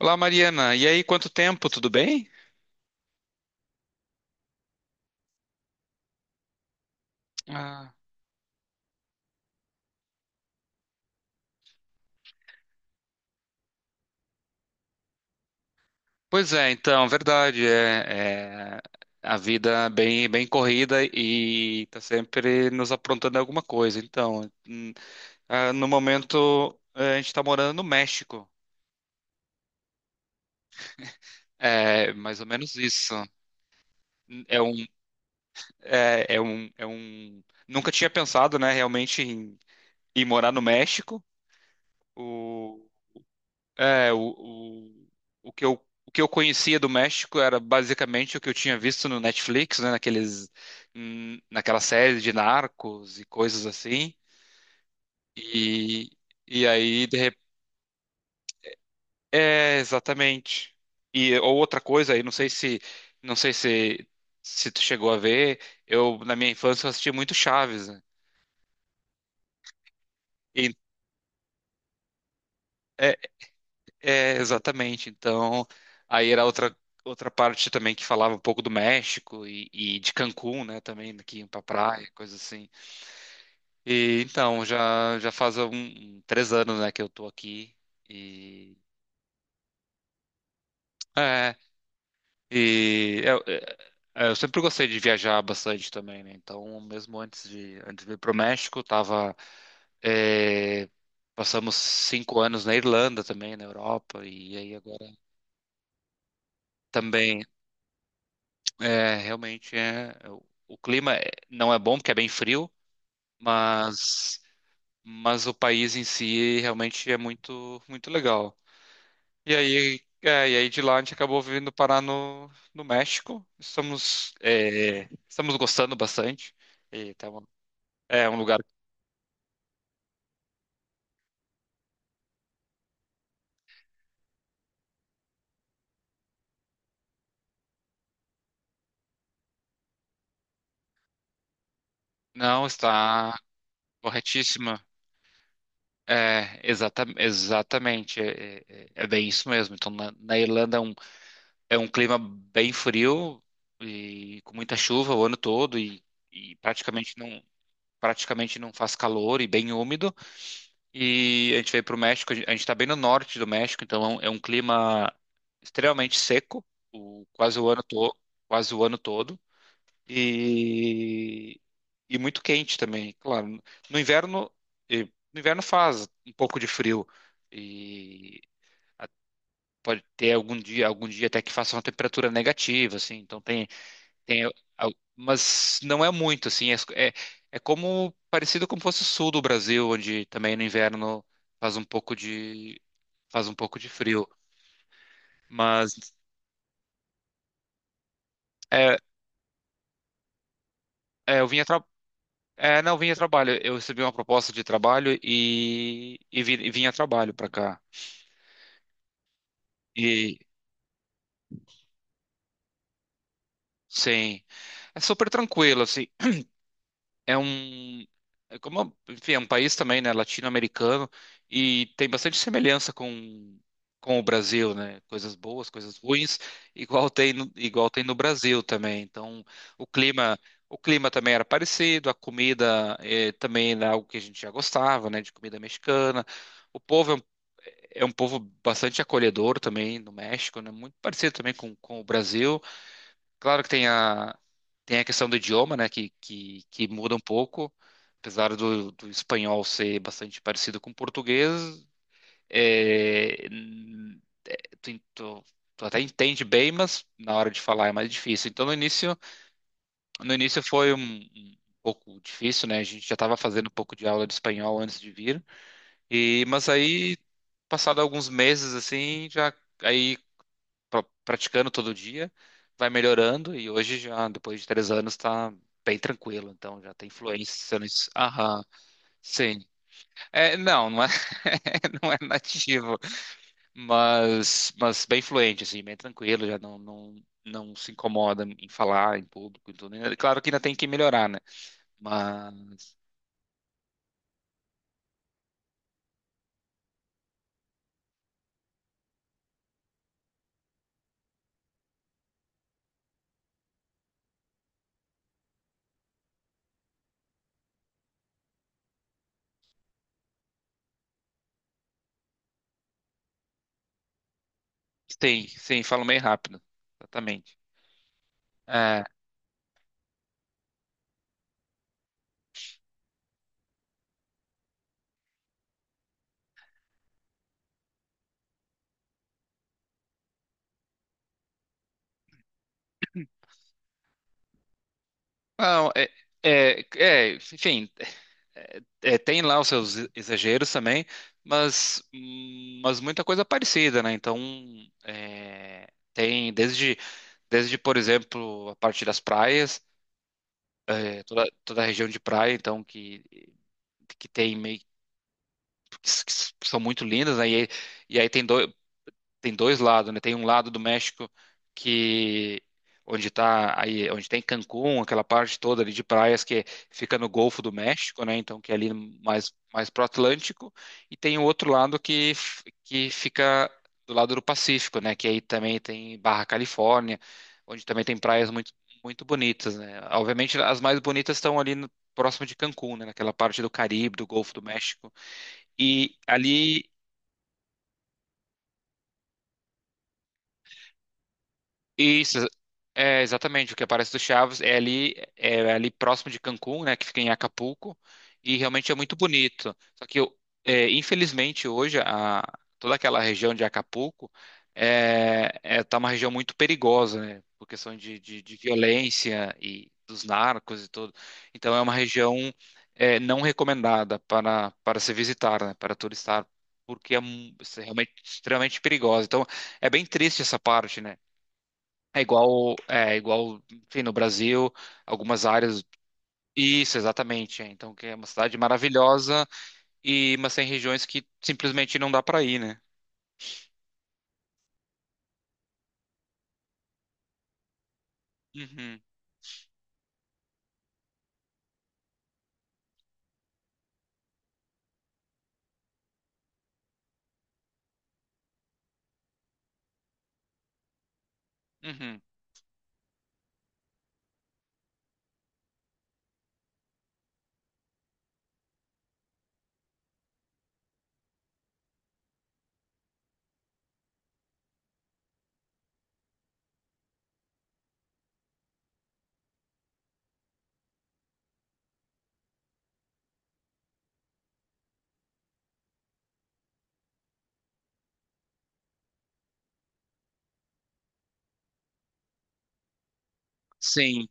Olá, Mariana. E aí, quanto tempo? Tudo bem? Ah, pois é, então, verdade. É, a vida é bem corrida e tá sempre nos aprontando alguma coisa. Então, no momento, a gente tá morando no México. É mais ou menos isso. É um, é, é um, é um... Nunca tinha pensado, né, realmente em morar no México. O... É, o, o, o que eu conhecia do México era basicamente o que eu tinha visto no Netflix, né, naquela série de narcos e coisas assim. E, e aí, de rep... É, exatamente. E ou outra coisa aí, não sei se, se tu chegou a ver, eu, na minha infância, eu assisti muito Chaves, né? E- é, exatamente. Então, aí era outra, outra parte também que falava um pouco do México e de Cancún, né, também, que iam pra praia, coisa assim. E então, já faz três anos, né, que eu tô aqui e... É, e eu, eu sempre gostei de viajar bastante também, né, então mesmo antes de ir pro México, é, passamos cinco anos na Irlanda também, na Europa, e aí agora também... É, realmente é. O clima não é bom porque é bem frio, mas o país em si realmente é muito legal. E aí de lá a gente acabou vindo parar no México. Estamos gostando bastante. E tá um- é um lugar não está corretíssima. Exatamente. É bem isso mesmo. Então na Irlanda é um É um clima bem frio e com muita chuva o ano todo e praticamente não faz calor e bem úmido. E a gente veio para o México, a gente está bem no norte do México, então é é um clima extremamente seco, quase o ano todo, quase o ano todo e, e muito quente também. Claro, no inverno no inverno faz um pouco de frio e a- pode ter algum dia até que faça uma temperatura negativa, assim, então tem, mas não é muito, assim, é como parecido como fosse o sul do Brasil, onde também no inverno faz um pouco de faz um pouco de frio. Mas é, é, eu vinha tra- é, não, eu vim a trabalho. Eu recebi uma proposta de trabalho e vim a trabalho para cá. E sim, é super tranquilo, assim. É um é como enfim, é um país também, né, latino-americano e tem bastante semelhança com o Brasil, né? Coisas boas, coisas ruins, igual tem no Brasil também. Então, o clima o clima também era parecido, a comida também era algo que a gente já gostava, né, de comida mexicana. O povo é um povo bastante acolhedor também no México, né? Muito parecido também com o Brasil. Claro que tem a questão do idioma, né, que muda um pouco, apesar do espanhol ser bastante parecido com o português, é, n- tu, tu, tu até entende bem, mas na hora de falar é mais difícil. Então, no início foi um pouco difícil, né, a gente já estava fazendo um pouco de aula de espanhol antes de vir, mas aí, passado alguns meses, assim, já... aí praticando todo dia, vai melhorando e hoje já, depois de três anos, tá bem tranquilo. Então já tem fluência nisso. Aham, sim. Não é, não é nativo, mas bem fluente, assim, bem tranquilo, já não, não, não se incomoda em falar em público e tudo. Né? Claro que ainda tem que melhorar, né? Mas sim, sim, falo meio rápido. Exatamente. É, não, é, é, é, enfim, É, tem lá os seus exageros também, mas muita coisa é parecida, né? Então, é, tem desde, desde, por exemplo, a parte das praias, toda a região de praia, então, que tem meio que s- são muito lindas, né? E aí tem dois, tem dois lados, né? Tem um lado do México que onde tá aí, onde tem Cancún, aquela parte toda ali de praias que fica no Golfo do México, né? Então que é ali mais pro Atlântico, e tem o outro lado que fica do lado do Pacífico, né? Que aí também tem Barra Califórnia, onde também tem praias muito bonitas, né? Obviamente as mais bonitas estão ali no- próximo de Cancún, né? Naquela parte do Caribe, do Golfo do México. E ali Isso, é exatamente o que aparece do Chaves. É ali próximo de Cancún, né, que fica em Acapulco, e realmente é muito bonito. Só que, infelizmente, toda aquela região de Acapulco tá uma região muito perigosa, né, por questão de violência e dos narcos e tudo. Então, é uma região não recomendada para se visitar, né, para turistar, porque realmente extremamente perigosa. Então, é bem triste essa parte, né? É igual, enfim, no Brasil, algumas áreas. Isso, exatamente. É. Então, que é uma cidade maravilhosa e mas tem regiões que simplesmente não dá para ir, né? Uhum, uhum. Sim,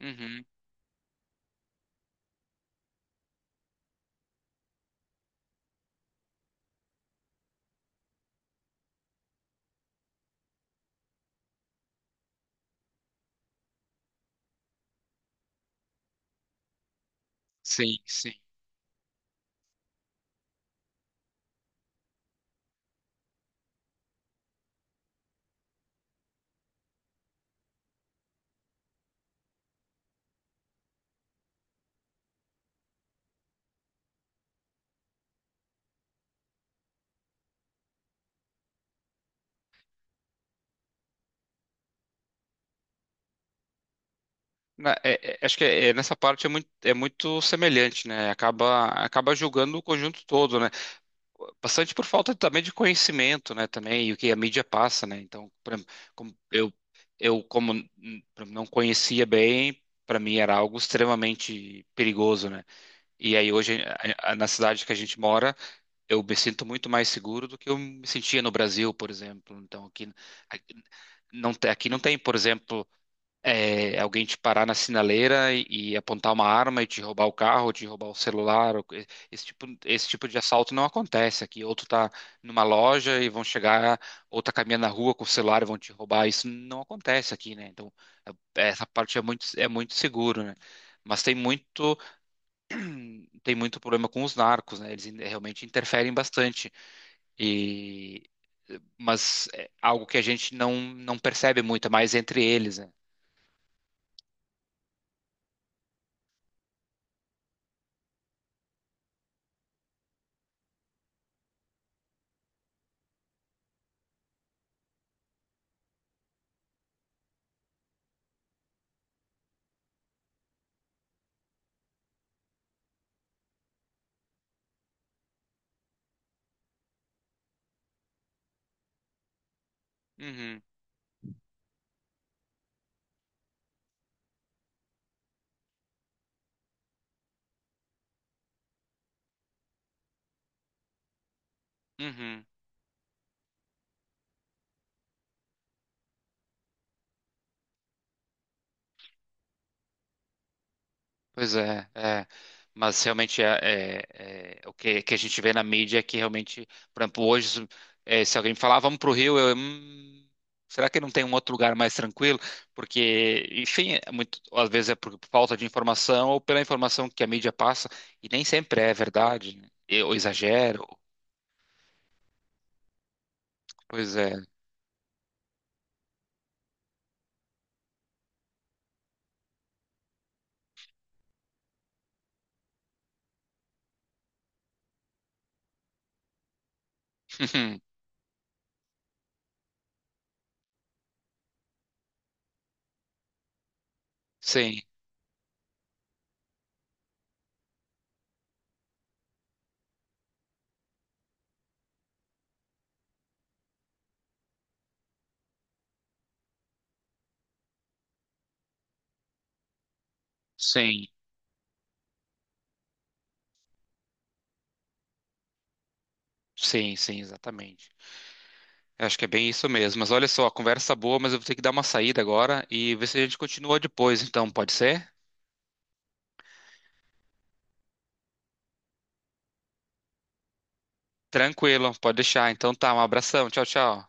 uhum, sim, sim. Acho que nessa parte é muito semelhante, né? Acaba julgando o conjunto todo, né? Bastante por falta também de conhecimento, né, também, e o que a mídia passa, né? Então, pra- como eu como pra- não conhecia bem, para mim era algo extremamente perigoso, né? E aí hoje na cidade que a gente mora, eu me sinto muito mais seguro do que eu me sentia no Brasil, por exemplo. Então, aqui aqui não tem, por exemplo, alguém te parar na sinaleira e apontar uma arma e te roubar o carro, te roubar o celular, ou co- esse tipo de assalto não acontece aqui. Outro tá numa loja e vão chegar, ou tá caminhando na rua com o celular e vão te roubar. Isso não acontece aqui, né? Então, essa parte é muito seguro, né? Mas tem muito problema com os narcos, né? Realmente interferem bastante. E mas é algo que a gente não percebe muito, é mais entre eles, né? Uhum, uhum. Pois é, é. Mas realmente o que, que a gente vê na mídia é que realmente, por exemplo, hoje, se alguém me falar, "Ah, vamos para o Rio, eu, será que não tem um outro lugar mais tranquilo? Porque, enfim, é muito, às vezes é por falta de informação ou pela informação que a mídia passa, e nem sempre é verdade, né? Ou exagero. Pois é. Sim, sim, sim, sim, exatamente. Eu acho que é bem isso mesmo. Mas olha só, conversa boa, mas eu vou ter que dar uma saída agora e ver se a gente continua depois, então, pode ser? Tranquilo, pode deixar. Então tá, um abração. Tchau, tchau.